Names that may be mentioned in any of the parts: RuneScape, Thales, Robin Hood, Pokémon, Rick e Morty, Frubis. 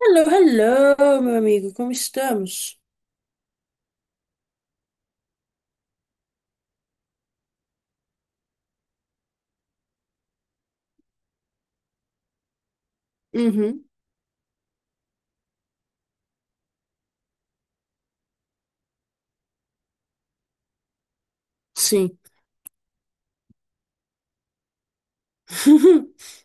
Hello, hello, meu amigo, como estamos? Uhum, sim.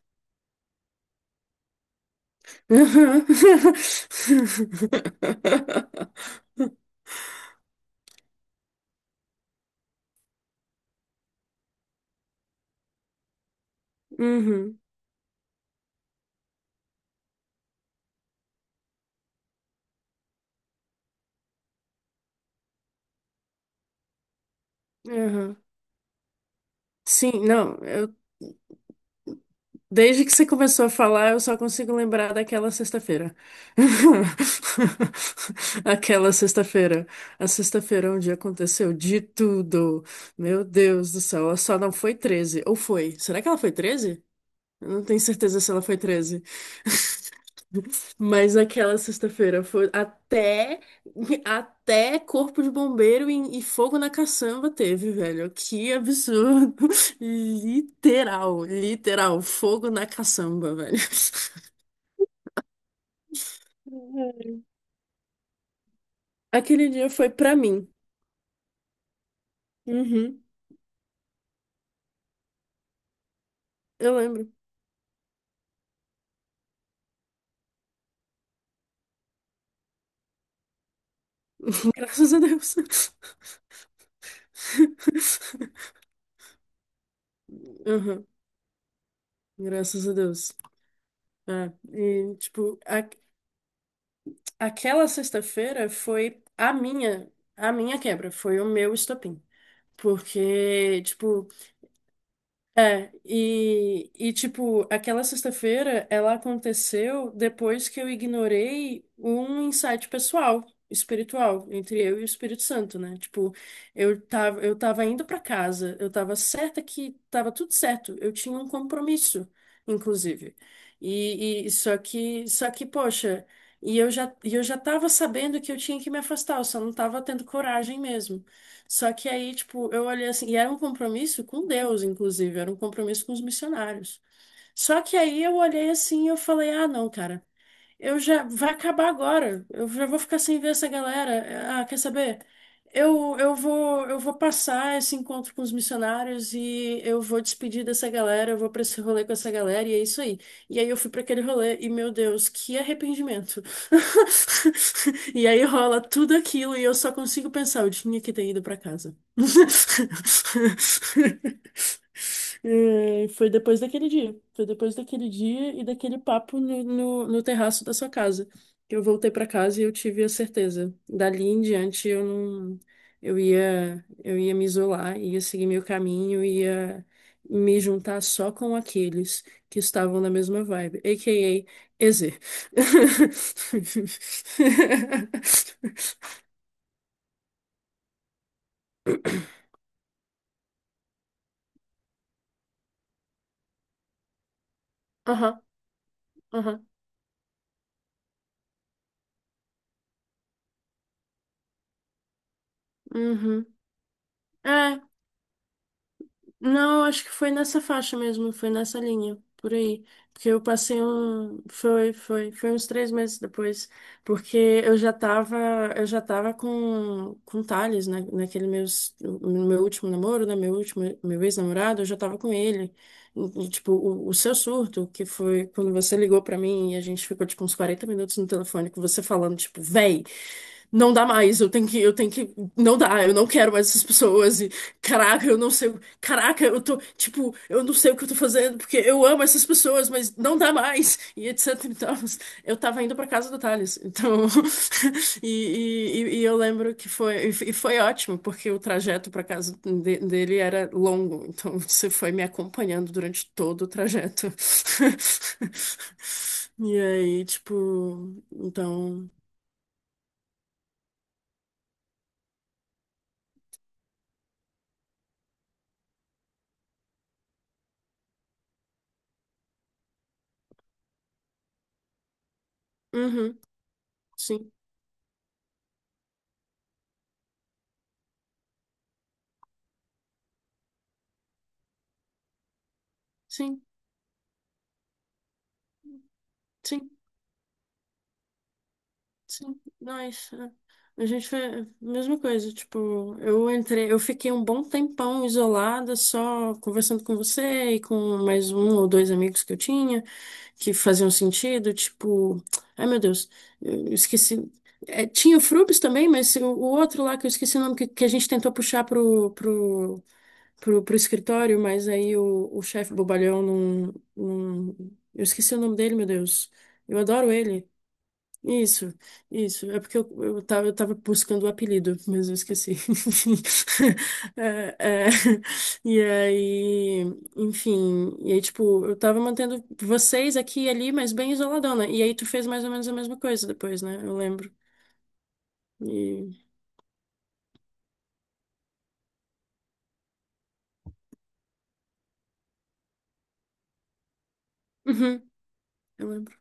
Uhum, uhum. Sim, não, desde que você começou a falar, eu só consigo lembrar daquela sexta-feira. Aquela sexta-feira. A sexta-feira onde aconteceu de tudo. Meu Deus do céu, ela só não foi 13? Ou foi? Será que ela foi 13? Eu não tenho certeza se ela foi 13. Mas aquela sexta-feira foi até corpo de bombeiro e fogo na caçamba teve, velho. Que absurdo. Literal, literal, fogo na caçamba, velho. Aquele dia foi pra mim. Uhum, eu lembro. Graças a Deus. Uhum, graças a Deus. É, e, tipo, aquela sexta-feira foi a minha quebra, foi o meu estopim. Porque, tipo, é, e tipo, aquela sexta-feira ela aconteceu depois que eu ignorei um insight pessoal, espiritual, entre eu e o Espírito Santo, né? Tipo, eu tava indo pra casa, eu tava certa que tava tudo certo, eu tinha um compromisso, inclusive. E só que, poxa, e eu já tava sabendo que eu tinha que me afastar, eu só não tava tendo coragem mesmo. Só que aí, tipo, eu olhei assim, e era um compromisso com Deus, inclusive, era um compromisso com os missionários. Só que aí eu olhei assim e eu falei, ah, não, cara. Eu já vai acabar agora. Eu já vou ficar sem ver essa galera. Ah, quer saber? Eu vou passar esse encontro com os missionários e eu vou despedir dessa galera, eu vou pra esse rolê com essa galera e é isso aí. E aí eu fui pra aquele rolê e meu Deus, que arrependimento. E aí rola tudo aquilo e eu só consigo pensar, eu tinha que ter ido pra casa. É, foi depois daquele dia. Foi depois daquele dia e daquele papo no terraço da sua casa, que eu voltei para casa e eu tive a certeza. Dali em diante eu não. Eu ia me isolar, ia seguir meu caminho, ia me juntar só com aqueles que estavam na mesma vibe, a K a.k.a. EZ. Aham, aham, uhum. É, não, acho que foi nessa faixa mesmo, foi nessa linha, por aí. Porque eu passei um. Foi, foi, foi uns 3 meses depois. Porque eu já tava, eu já tava com Thales, né, naquele meus, no meu último namoro, né? Meu último, meu ex-namorado, eu já tava com ele. E, tipo, o seu surto, que foi quando você ligou pra mim e a gente ficou, tipo, uns 40 minutos no telefone com você falando, tipo, véi. Não dá mais, eu tenho que, não dá, eu não quero mais essas pessoas, e caraca, eu não sei o Caraca, eu tô, tipo, eu não sei o que eu tô fazendo, porque eu amo essas pessoas, mas não dá mais, e etc e tal. Eu tava indo pra casa do Thales, então. E eu lembro que foi, e foi ótimo, porque o trajeto pra casa dele era longo, então você foi me acompanhando durante todo o trajeto. E aí, tipo, então. Uhum, sim, sim, sim. Sim, nós, é. A gente foi a mesma coisa, tipo, eu entrei, eu fiquei um bom tempão isolada, só conversando com você e com mais um ou dois amigos que eu tinha, que faziam sentido, tipo, ai meu Deus, eu esqueci. É, tinha o Frubis também, mas o outro lá que, eu esqueci o nome, que a gente tentou puxar pro escritório, mas aí o chefe bobalhão não, eu esqueci o nome dele, meu Deus, eu adoro ele. Isso, isso. É porque eu tava buscando o apelido, mas eu esqueci. É, é, e aí, enfim. E aí, tipo, eu tava mantendo vocês aqui e ali, mas bem isoladona. E aí, tu fez mais ou menos a mesma coisa depois, né? Eu lembro. E. Uhum, eu lembro.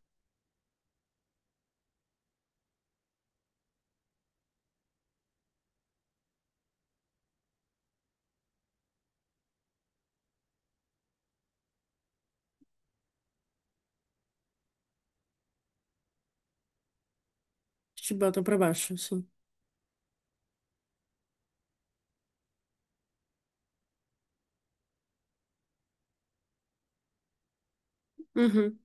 Te botam pra baixo, assim. Uhum,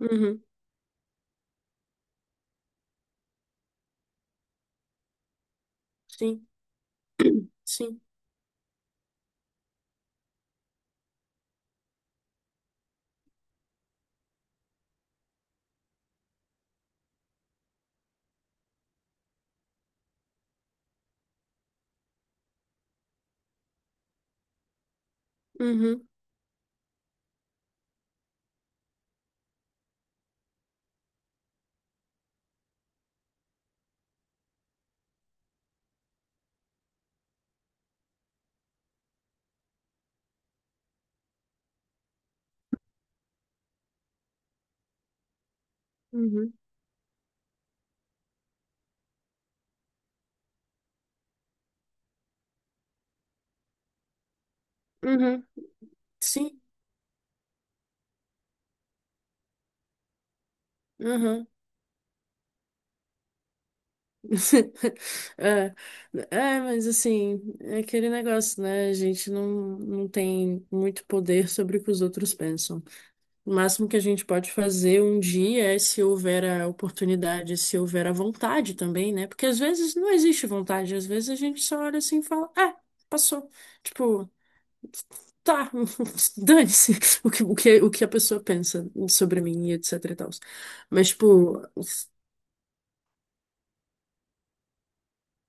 uhum, sim. Sim. Uhum, uhum, uhum. Sim. Uhum. É, é, mas assim, é aquele negócio, né? A gente não tem muito poder sobre o que os outros pensam. O máximo que a gente pode fazer um dia é se houver a oportunidade, se houver a vontade também, né? Porque às vezes não existe vontade, às vezes a gente só olha assim e fala, ah, passou. Tipo, tá, dane-se o que a pessoa pensa sobre mim e etc e tal. Mas, tipo.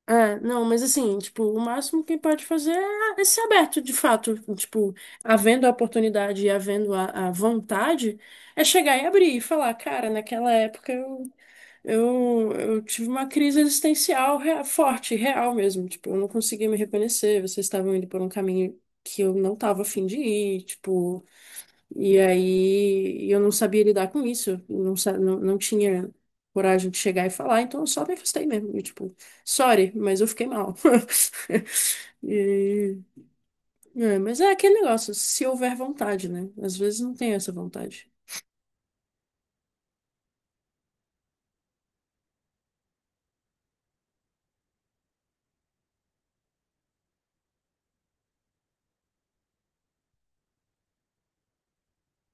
É, não, mas assim, tipo, o máximo que pode fazer é ser aberto, de fato. Tipo, havendo a oportunidade e havendo a vontade, é chegar e abrir e falar, cara, naquela época eu, eu tive uma crise existencial forte, real mesmo. Tipo, eu não conseguia me reconhecer, vocês estavam indo por um caminho que eu não tava afim de ir, tipo. E aí eu não sabia lidar com isso, não, não tinha coragem de chegar e falar, então eu só me afastei mesmo. E, tipo, sorry, mas eu fiquei mal. E- é, mas é aquele negócio, se houver vontade, né? Às vezes não tem essa vontade.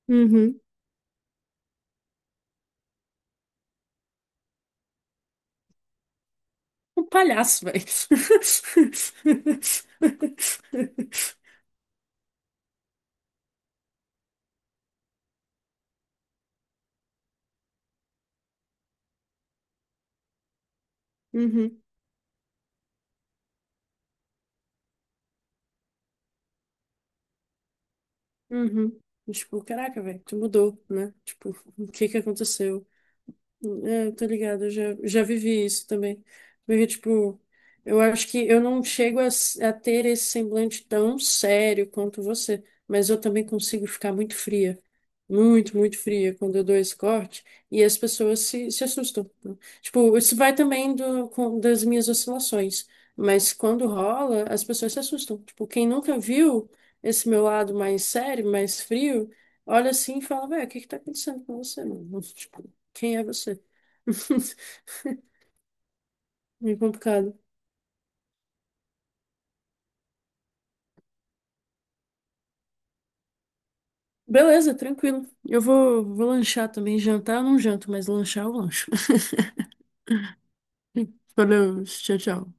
Uhum. Um palhaço, velho. Uhum, uhum. E, tipo, caraca, velho, tu mudou, né? Tipo, o que que aconteceu? É, tô ligado, eu já vivi isso também. Porque, tipo, eu acho que eu não chego a, a ter esse semblante tão sério quanto você, mas eu também consigo ficar muito fria, muito, muito fria quando eu dou esse corte, e as pessoas se assustam, né? Tipo, isso vai também do, com, das minhas oscilações, mas quando rola, as pessoas se assustam. Tipo, quem nunca viu esse meu lado mais sério, mais frio, olha assim e fala, velho, o que que tá acontecendo com você, mano? Quem é você? Meio complicado. Beleza, tranquilo. Eu vou lanchar também. Jantar eu não janto, mas lanchar eu lancho. Valeu, tchau, tchau.